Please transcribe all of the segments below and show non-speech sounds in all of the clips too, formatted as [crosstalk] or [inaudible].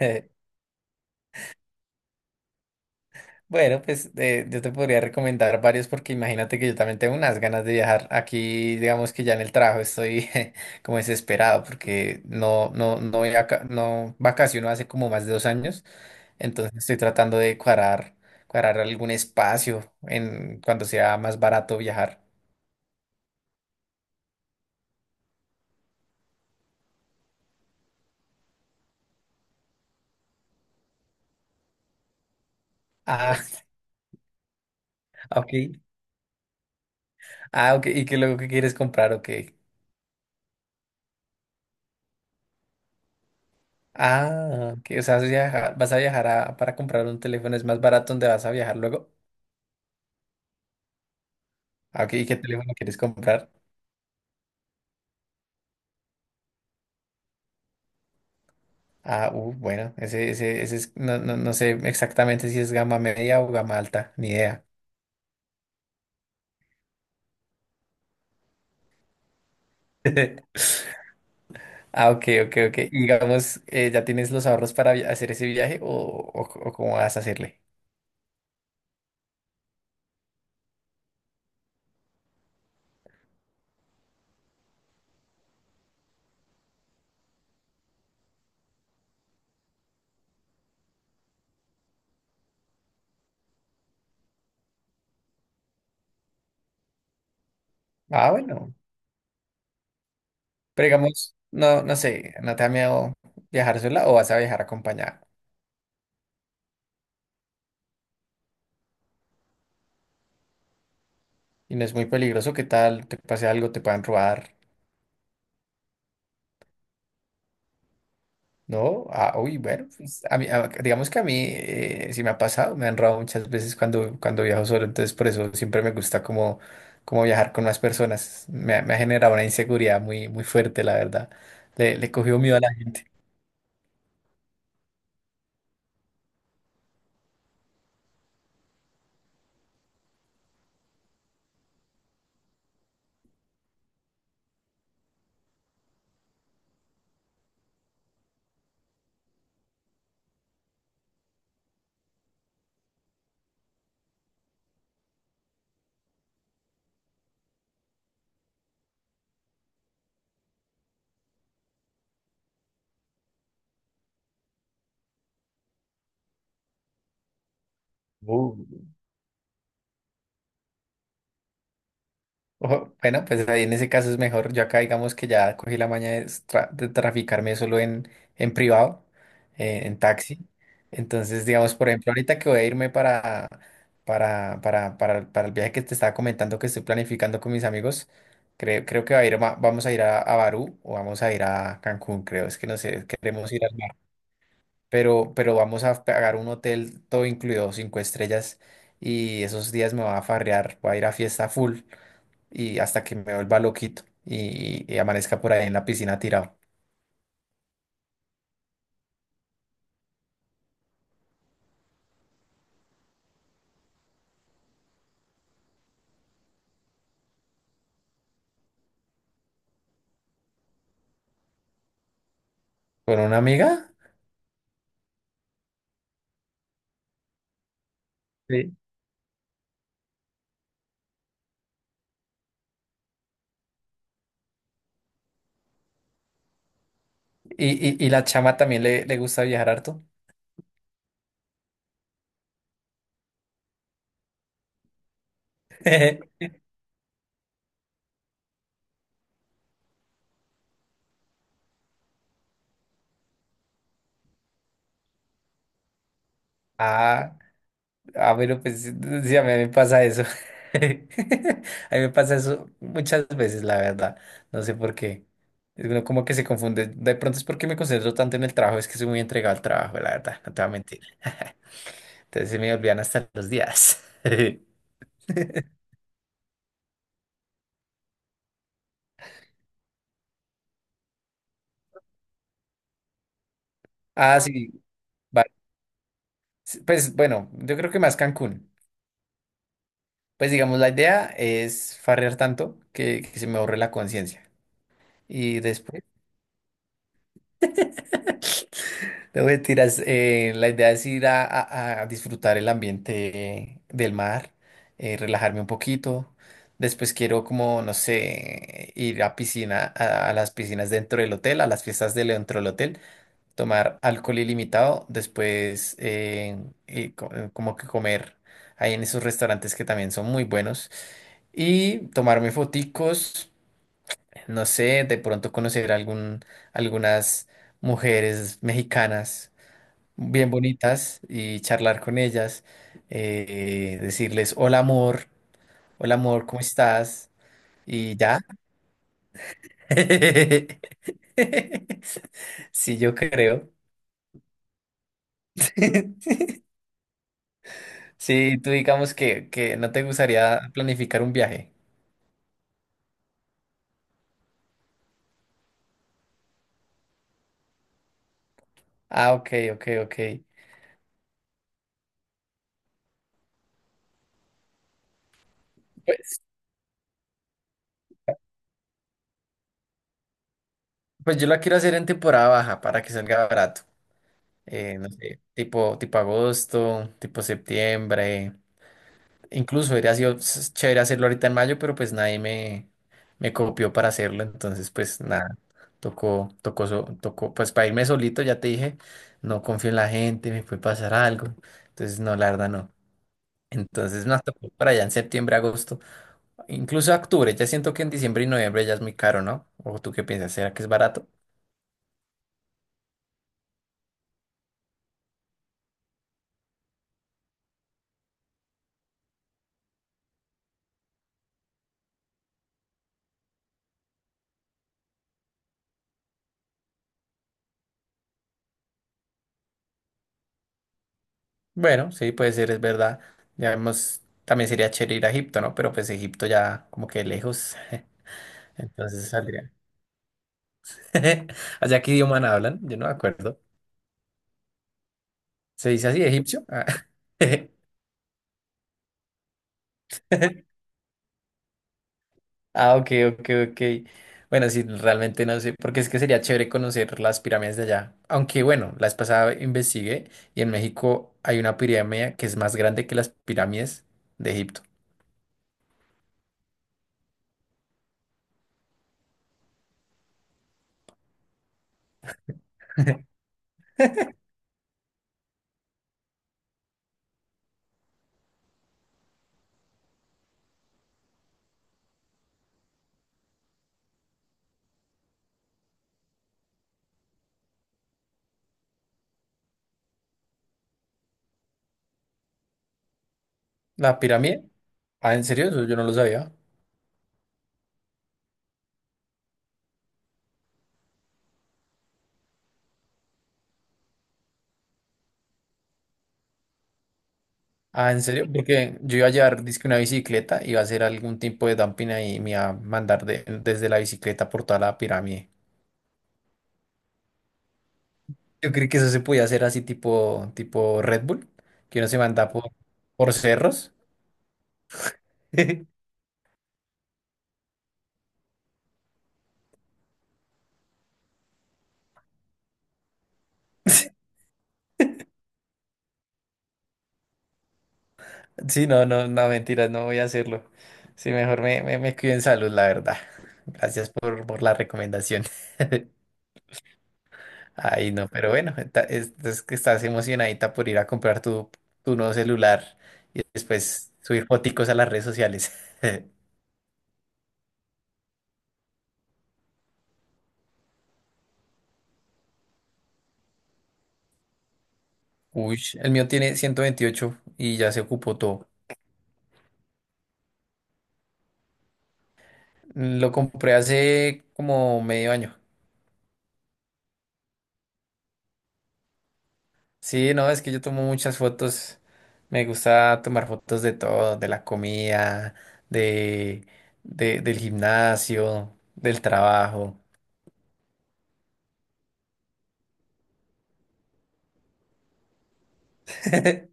Eh, Bueno, pues yo te podría recomendar varios porque imagínate que yo también tengo unas ganas de viajar. Aquí, digamos que ya en el trabajo estoy [laughs] como desesperado porque no, no vacaciono hace como más de 2 años. Entonces estoy tratando de cuadrar algún espacio en cuando sea más barato viajar. Ah, [laughs] ok. Ah, ok. ¿Y qué luego que quieres comprar? Ok. Ah, ok. O sea, vas a viajar para comprar un teléfono, es más barato donde vas a viajar luego. Ah, ok, ¿y qué teléfono quieres comprar? Ah, bueno, ese es, no sé exactamente si es gama media o gama alta, ni idea. [laughs] Ah, ok, ok, ok. Y digamos, ¿ya tienes los ahorros para hacer ese viaje o, o cómo vas a hacerle? Ah, bueno. Pero digamos, no sé, ¿no te da miedo viajar sola o vas a viajar acompañada? Y no es muy peligroso, ¿qué tal? ¿Te pase algo? ¿Te puedan robar? No, ah, uy, bueno, pues, digamos que a mí sí me ha pasado, me han robado muchas veces cuando viajo solo, entonces por eso siempre me gusta como viajar con más personas. Me ha generado una inseguridad muy, muy fuerte, la verdad. Le cogió miedo a la gente. Uh. Ojo, bueno, pues ahí en ese caso es mejor. Yo acá digamos que ya cogí la maña de, de traficarme solo en privado, en taxi. Entonces, digamos, por ejemplo, ahorita que voy a irme para el viaje que te estaba comentando que estoy planificando con mis amigos, creo que va a ir, ma- vamos a ir a Barú o vamos a ir a Cancún, creo. Es que no sé, queremos ir al mar. Pero vamos a pagar un hotel todo incluido, cinco estrellas, y esos días me va a farrear, voy a ir a fiesta full y hasta que me vuelva loquito y amanezca por ahí en la piscina tirado con una amiga. Sí. Y, y la chama también le gusta viajar harto. [laughs] Ah, ah, pero pues sí, sí, a mí me pasa eso. [laughs] A mí me pasa eso muchas veces, la verdad. No sé por qué. Es uno como que se confunde. De pronto es porque me concentro tanto en el trabajo, es que soy muy entregado al trabajo, la verdad, no te voy a mentir. Entonces se me olvidan hasta los días. [laughs] Ah, sí, vale. Sí, pues bueno, yo creo que más Cancún. Pues digamos, la idea es farrear tanto que se me borre la conciencia. Y después, [laughs] no mentiras, la idea es ir a, a disfrutar el ambiente del mar, relajarme un poquito. Después quiero como, no sé, ir a piscina, a las piscinas dentro del hotel, a las fiestas de dentro del hotel, tomar alcohol ilimitado, después y como que comer ahí en esos restaurantes que también son muy buenos y tomarme foticos. No sé, de pronto conocer algunas mujeres mexicanas bien bonitas y charlar con ellas, decirles, hola amor, ¿cómo estás? Y ya. [laughs] Sí, yo creo. [laughs] Sí, tú digamos que no te gustaría planificar un viaje. Ah, ok, ok, ok. Pues, pues yo la quiero hacer en temporada baja para que salga barato. No sé, tipo agosto, tipo septiembre. Incluso hubiera sido chévere hacerlo ahorita en mayo, pero pues nadie me copió para hacerlo, entonces pues nada, tocó, pues para irme solito, ya te dije, no confío en la gente, me puede pasar algo, entonces no, la verdad no. Entonces nos tocó para allá en septiembre, agosto, incluso octubre, ya siento que en diciembre y noviembre ya es muy caro, ¿no? ¿O tú qué piensas? ¿Será que es barato? Bueno, sí, puede ser, es verdad. Ya vemos, también sería chévere ir a Egipto, ¿no? Pero pues Egipto ya como que lejos, [laughs] entonces saldría. [laughs] ¿Allá qué idioma hablan? Yo no me acuerdo. ¿Se dice así, egipcio? Ah, [laughs] ah, ok, ok, ok. Bueno, sí, realmente no sé, porque es que sería chévere conocer las pirámides de allá. Aunque bueno, la vez pasada investigué y en México hay una pirámide que es más grande que las pirámides de Egipto. ¿La pirámide? Ah, ¿en serio? Eso yo no lo sabía. Ah, ¿en serio? Porque yo iba a llevar, dizque una bicicleta, iba a hacer algún tipo de dumping ahí y me iba a mandar desde la bicicleta por toda la pirámide. Yo creí que eso se podía hacer así tipo Red Bull, que uno se manda por cerros. [laughs] Sí, no, mentiras, no voy a hacerlo. Sí, mejor me cuido en salud, la verdad. Gracias por la recomendación. [laughs] Ay, no, pero bueno, es que estás emocionadita por ir a comprar tu, tu nuevo celular y después subir foticos a las redes sociales. [laughs] Uy, el mío tiene 128 y ya se ocupó todo. Lo compré hace como medio año. Sí, no, es que yo tomo muchas fotos. Me gusta tomar fotos de todo, de la comida, de, del gimnasio, del trabajo. [laughs]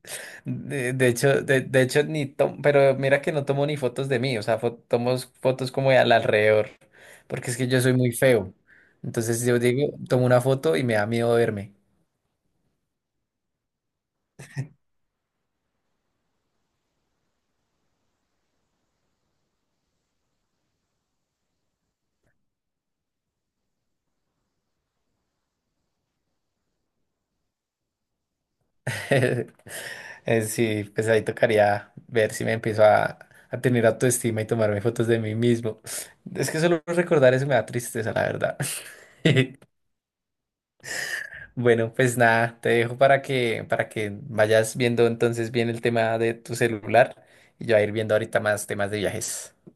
De hecho, ni tomo, pero mira que no tomo ni fotos de mí, o sea, tomo fotos como de al alrededor, porque es que yo soy muy feo. Entonces yo digo, tomo una foto y me da miedo verme. [laughs] Sí, pues ahí tocaría ver si me empiezo a tener autoestima y tomarme fotos de mí mismo. Es que solo recordar eso me da tristeza, la verdad. [laughs] Bueno, pues nada, te dejo para que vayas viendo entonces bien el tema de tu celular y yo a ir viendo ahorita más temas de viajes. [laughs]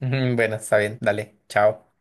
Bueno, está bien, dale, chao.